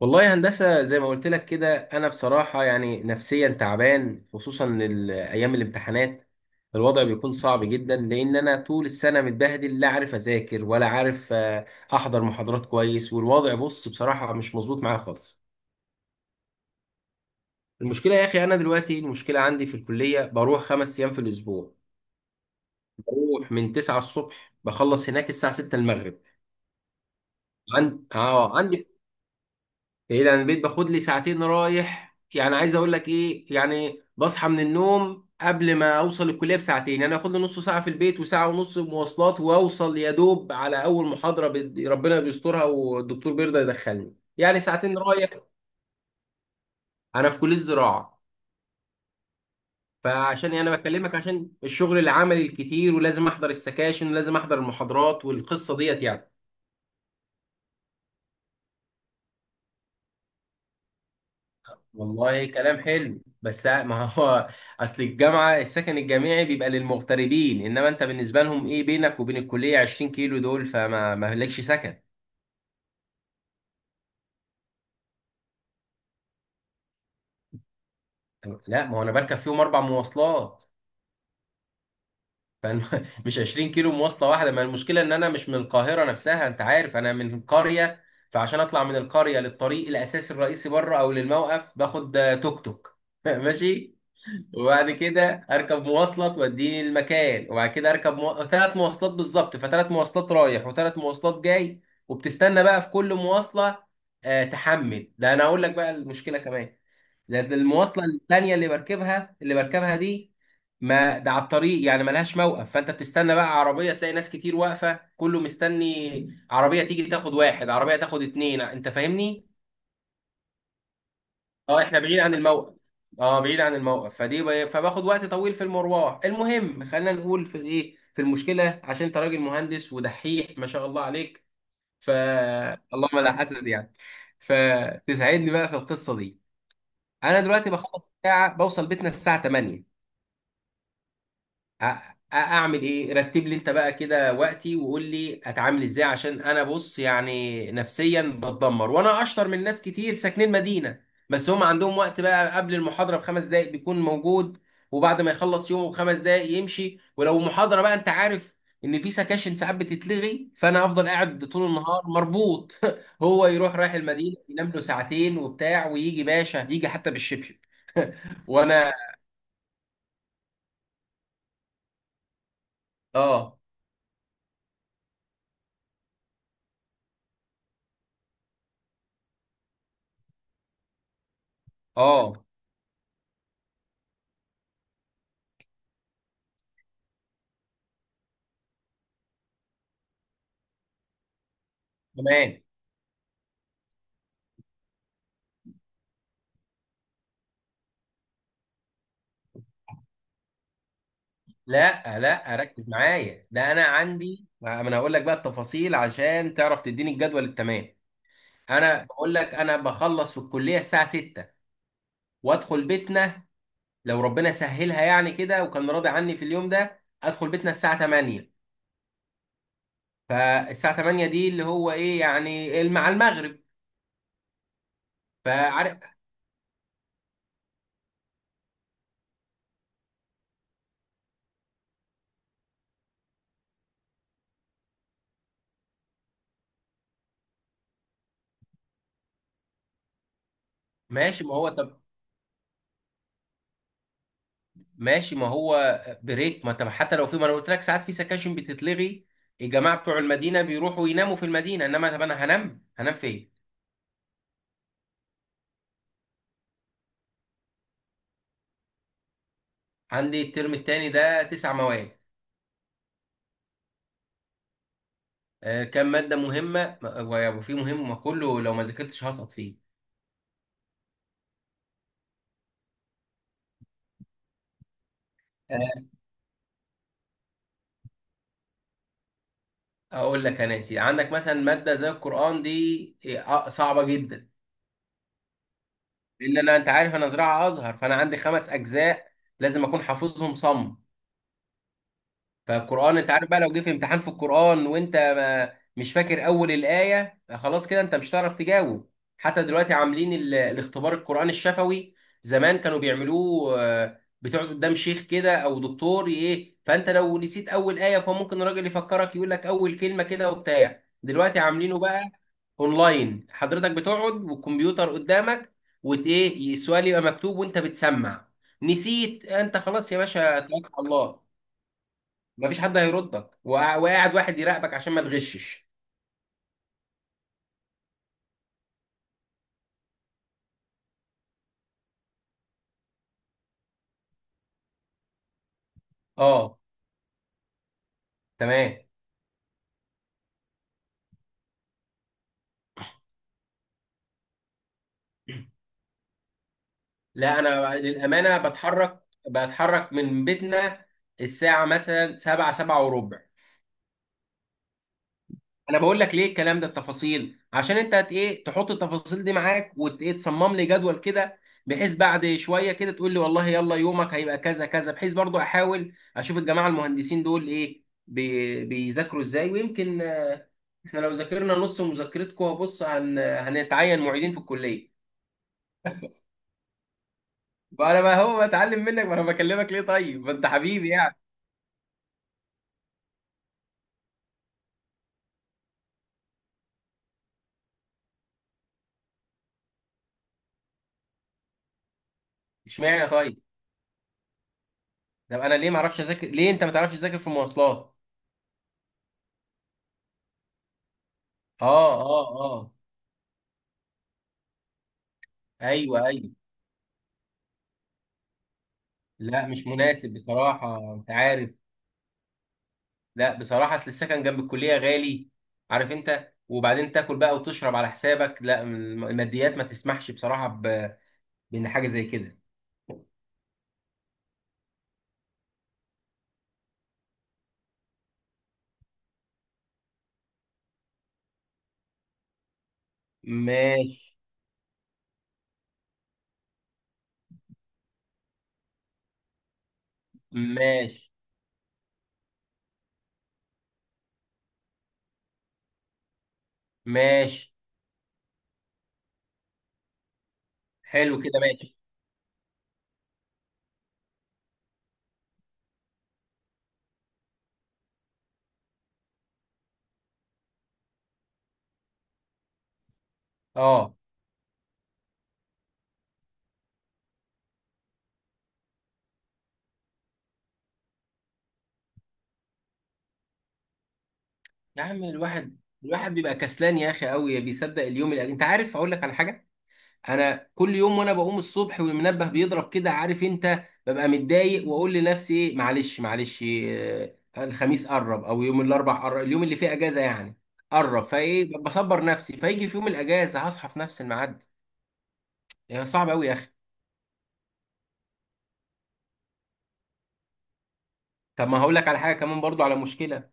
والله يا هندسة، زي ما قلت لك كده أنا بصراحة يعني نفسيا تعبان، خصوصا أيام الامتحانات الوضع بيكون صعب جدا، لأن أنا طول السنة متبهدل، لا عارف أذاكر ولا عارف أحضر محاضرات كويس. والوضع بص بصراحة مش مظبوط معايا خالص. المشكلة يا أخي، أنا دلوقتي المشكلة عندي في الكلية، بروح 5 أيام في الأسبوع. بروح من 9 الصبح، بخلص هناك الساعة 6 المغرب. عندي بعيد عن البيت، باخد لي ساعتين رايح يعني. عايز اقول لك ايه، يعني بصحى من النوم قبل ما اوصل الكليه بساعتين، يعني اخد لي نص ساعه في البيت وساعه ونص مواصلات، واوصل يا دوب على اول محاضره. ربنا بيسترها والدكتور بيرضى يدخلني يعني. ساعتين رايح. انا في كليه الزراعه. فعشان يعني بكلمك عشان الشغل العملي الكتير، ولازم احضر السكاشن ولازم احضر المحاضرات، والقصه ديت يعني. والله كلام حلو بس ما هو، اصل الجامعه السكن الجامعي بيبقى للمغتربين، انما انت بالنسبه لهم ايه، بينك وبين الكليه 20 كيلو دول، فما ما لكش سكن. لا ما هو انا بركب فيهم اربع مواصلات. فأنا- مش 20 كيلو مواصله واحده، ما المشكله ان انا مش من القاهره نفسها، انت عارف انا من قريه. فعشان اطلع من القريه للطريق الاساسي الرئيسي بره او للموقف، باخد توك توك ماشي. وبعد كده اركب مواصله توديني المكان، وبعد كده اركب ثلاث مواصلات بالظبط. فثلاث مواصلات رايح وثلاث مواصلات جاي. وبتستنى بقى في كل مواصله. آه تحمل ده، انا اقول لك بقى المشكله كمان. ده المواصله الثانيه اللي بركبها اللي بركبها دي، ما ده على الطريق يعني ملهاش موقف، فانت بتستنى بقى عربيه، تلاقي ناس كتير واقفه كله مستني عربيه تيجي، تاخد واحد عربيه تاخد اتنين، انت فاهمني. اه احنا بعيد عن الموقف. اه بعيد عن الموقف، فدي فباخد وقت طويل في المروح. المهم خلينا نقول في ايه، في المشكله، عشان انت راجل مهندس ودحيح ما شاء الله عليك. ف اللهم لا حسد يعني. فتساعدني بقى في القصه دي. انا دلوقتي بخلص الساعه، بوصل بيتنا الساعه 8. اعمل ايه، رتب لي انت بقى كده وقتي، وقول لي اتعامل ازاي، عشان انا بص يعني نفسيا بتدمر. وانا اشطر من ناس كتير ساكنين مدينة، بس هم عندهم وقت بقى، قبل المحاضرة بخمس دقايق بيكون موجود، وبعد ما يخلص يومه بخمس دقايق يمشي. ولو محاضرة بقى انت عارف ان في سكاشن ساعات بتتلغي، فانا افضل قاعد طول النهار مربوط. هو يروح رايح المدينة، ينام له ساعتين وبتاع، ويجي باشا يجي حتى بالشبشب. وانا اه، اه، تمام. لا لا ركز معايا، ده انا عندي، ما انا هقول لك بقى التفاصيل عشان تعرف تديني الجدول التمام. انا بقول لك انا بخلص في الكليه الساعه 6 وادخل بيتنا. لو ربنا سهلها يعني كده وكان راضي عني في اليوم ده، ادخل بيتنا الساعه 8. فالساعه 8 دي اللي هو ايه يعني، مع المغرب. فعارف ماشي، ما هو طب، ماشي ما هو بريك، ما طب حتى لو في، ما انا قلت لك ساعات في سكاشن بتتلغي. الجماعه بتوع المدينه بيروحوا يناموا في المدينه، انما طب انا هنام هنام فين؟ عندي الترم التاني ده تسع مواد. كام مادة مهمة وفي مهم، ما كله لو ما ذاكرتش هسقط فيه. آه، اقول لك يا ناسي، عندك مثلا مادة زي القرآن دي صعبة جدا. لان انا انت عارف انا زراعة ازهر، فانا عندي خمس اجزاء لازم اكون حافظهم صم. فالقرآن انت عارف بقى، لو جه في امتحان في القرآن وانت ما مش فاكر اول الآية، خلاص كده انت مش هتعرف تجاوب. حتى دلوقتي عاملين الاختبار القرآن الشفوي. زمان كانوا بيعملوه بتقعد قدام شيخ كده او دكتور ايه، فانت لو نسيت اول آية، فممكن الراجل يفكرك يقول لك اول كلمة كده وبتاع. دلوقتي عاملينه بقى اونلاين. حضرتك بتقعد والكمبيوتر قدامك، ايه السؤال يبقى مكتوب وانت بتسمع. نسيت انت، خلاص يا باشا توكل على الله، مفيش حد هيردك. وقاعد واحد يراقبك عشان ما تغشش. اه تمام. لا انا للامانه بتحرك من بيتنا الساعه مثلا سبعة، سبعة وربع. انا بقول لك ليه الكلام ده التفاصيل، عشان انت هت ايه، تحط التفاصيل دي معاك وتصمم لي جدول كده، بحيث بعد شويه كده تقول لي والله يلا يومك هيبقى كذا كذا، بحيث برضو احاول اشوف الجماعه المهندسين دول ايه بيذاكروا ازاي، ويمكن احنا لو ذاكرنا نص مذاكرتكم بص، هنتعين معيدين في الكليه بقى. انا بقى هو بتعلم منك، ما انا بكلمك ليه طيب، ما انت حبيبي يعني. اشمعنى طيب، طب انا ليه ما اعرفش اذاكر، ليه انت ما تعرفش تذاكر في المواصلات. اه، اه، اه، ايوه، ايوه. لا مش مناسب بصراحة انت عارف. لا بصراحة اصل السكن جنب الكلية غالي، عارف انت، وبعدين تاكل بقى وتشرب على حسابك. لا الماديات ما تسمحش بصراحة بان حاجة زي كده. ماشي، ماشي، ماشي، حلو كده ماشي. اه يا عم، الواحد، الواحد بيبقى كسلان يا اخي قوي، بيصدق اليوم اللي... انت عارف اقول لك على حاجة. انا كل يوم وانا بقوم الصبح والمنبه بيضرب كده، عارف انت، ببقى متضايق واقول لنفسي ايه، معلش معلش إيه، الخميس قرب او يوم الاربع قرب، اليوم اللي فيه اجازه يعني قرب، فايه بصبر نفسي. فيجي في يوم الاجازه هصحى في نفس الميعاد. يا صعب قوي يا اخي. طب ما هقول لك على حاجه كمان برضو، على مشكله.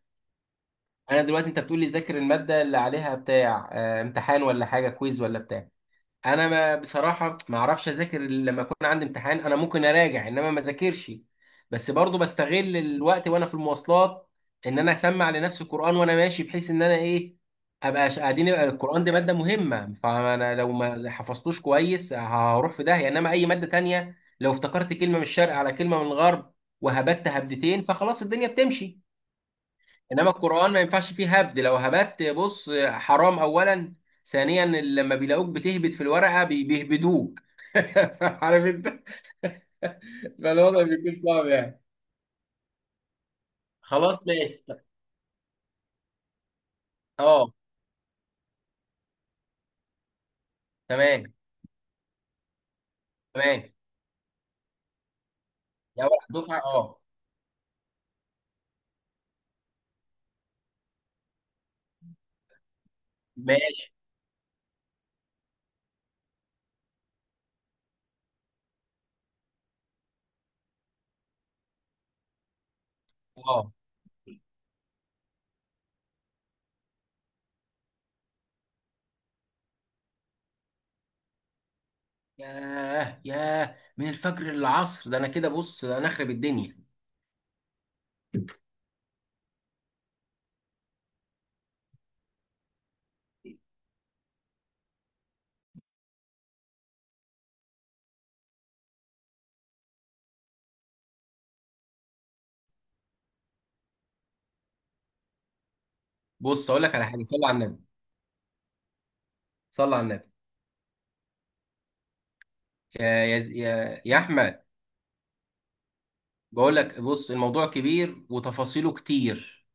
انا دلوقتي انت بتقول لي ذاكر الماده اللي عليها بتاع امتحان ولا حاجه كويز ولا بتاع. انا ما بصراحه ما اعرفش اذاكر إلا لما اكون عندي امتحان. انا ممكن اراجع انما ما اذاكرش. بس برضو بستغل الوقت وانا في المواصلات، ان انا اسمع لنفسي قران وانا ماشي، بحيث ان انا ايه، ابقى قاعدين، يبقى القران دي ماده مهمه، فانا لو ما حفظتوش كويس هروح في داهيه. انما اي ماده تانية لو افتكرت كلمه من الشرق على كلمه من الغرب وهبت هبدتين فخلاص الدنيا بتمشي. انما القران ما ينفعش فيه هبد، لو هبدت بص حرام اولا، ثانيا لما بيلاقوك بتهبد في الورقه بيهبدوك عارف انت. فالوضع بيكون صعب يعني. خلاص ماشي. اه تمام، تمام. يا اول دفعه اه. ماشي اه. ياه ياه، من الفجر للعصر ده، انا كده بص انا اخرب الدنيا. بص اقول لك على حاجه، صلى على النبي، صلى على النبي، يا احمد. بقول لك بص الموضوع كبير وتفاصيله كتير،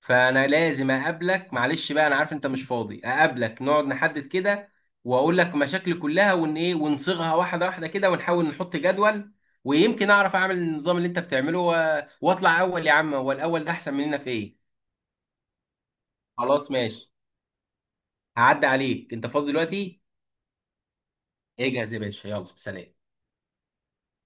فانا لازم اقابلك. معلش بقى انا عارف انت مش فاضي. اقابلك نقعد نحدد كده، واقول لك مشاكلي كلها ايه، ونصيغها واحده واحده كده، ونحاول نحط جدول، ويمكن اعرف اعمل النظام اللي انت بتعمله واطلع اول يا عم، هو الاول ده احسن مننا في ايه. خلاص ماشي، هعدي عليك، انت فاضي دلوقتي؟ اجهز يا باشا، يلا سلام.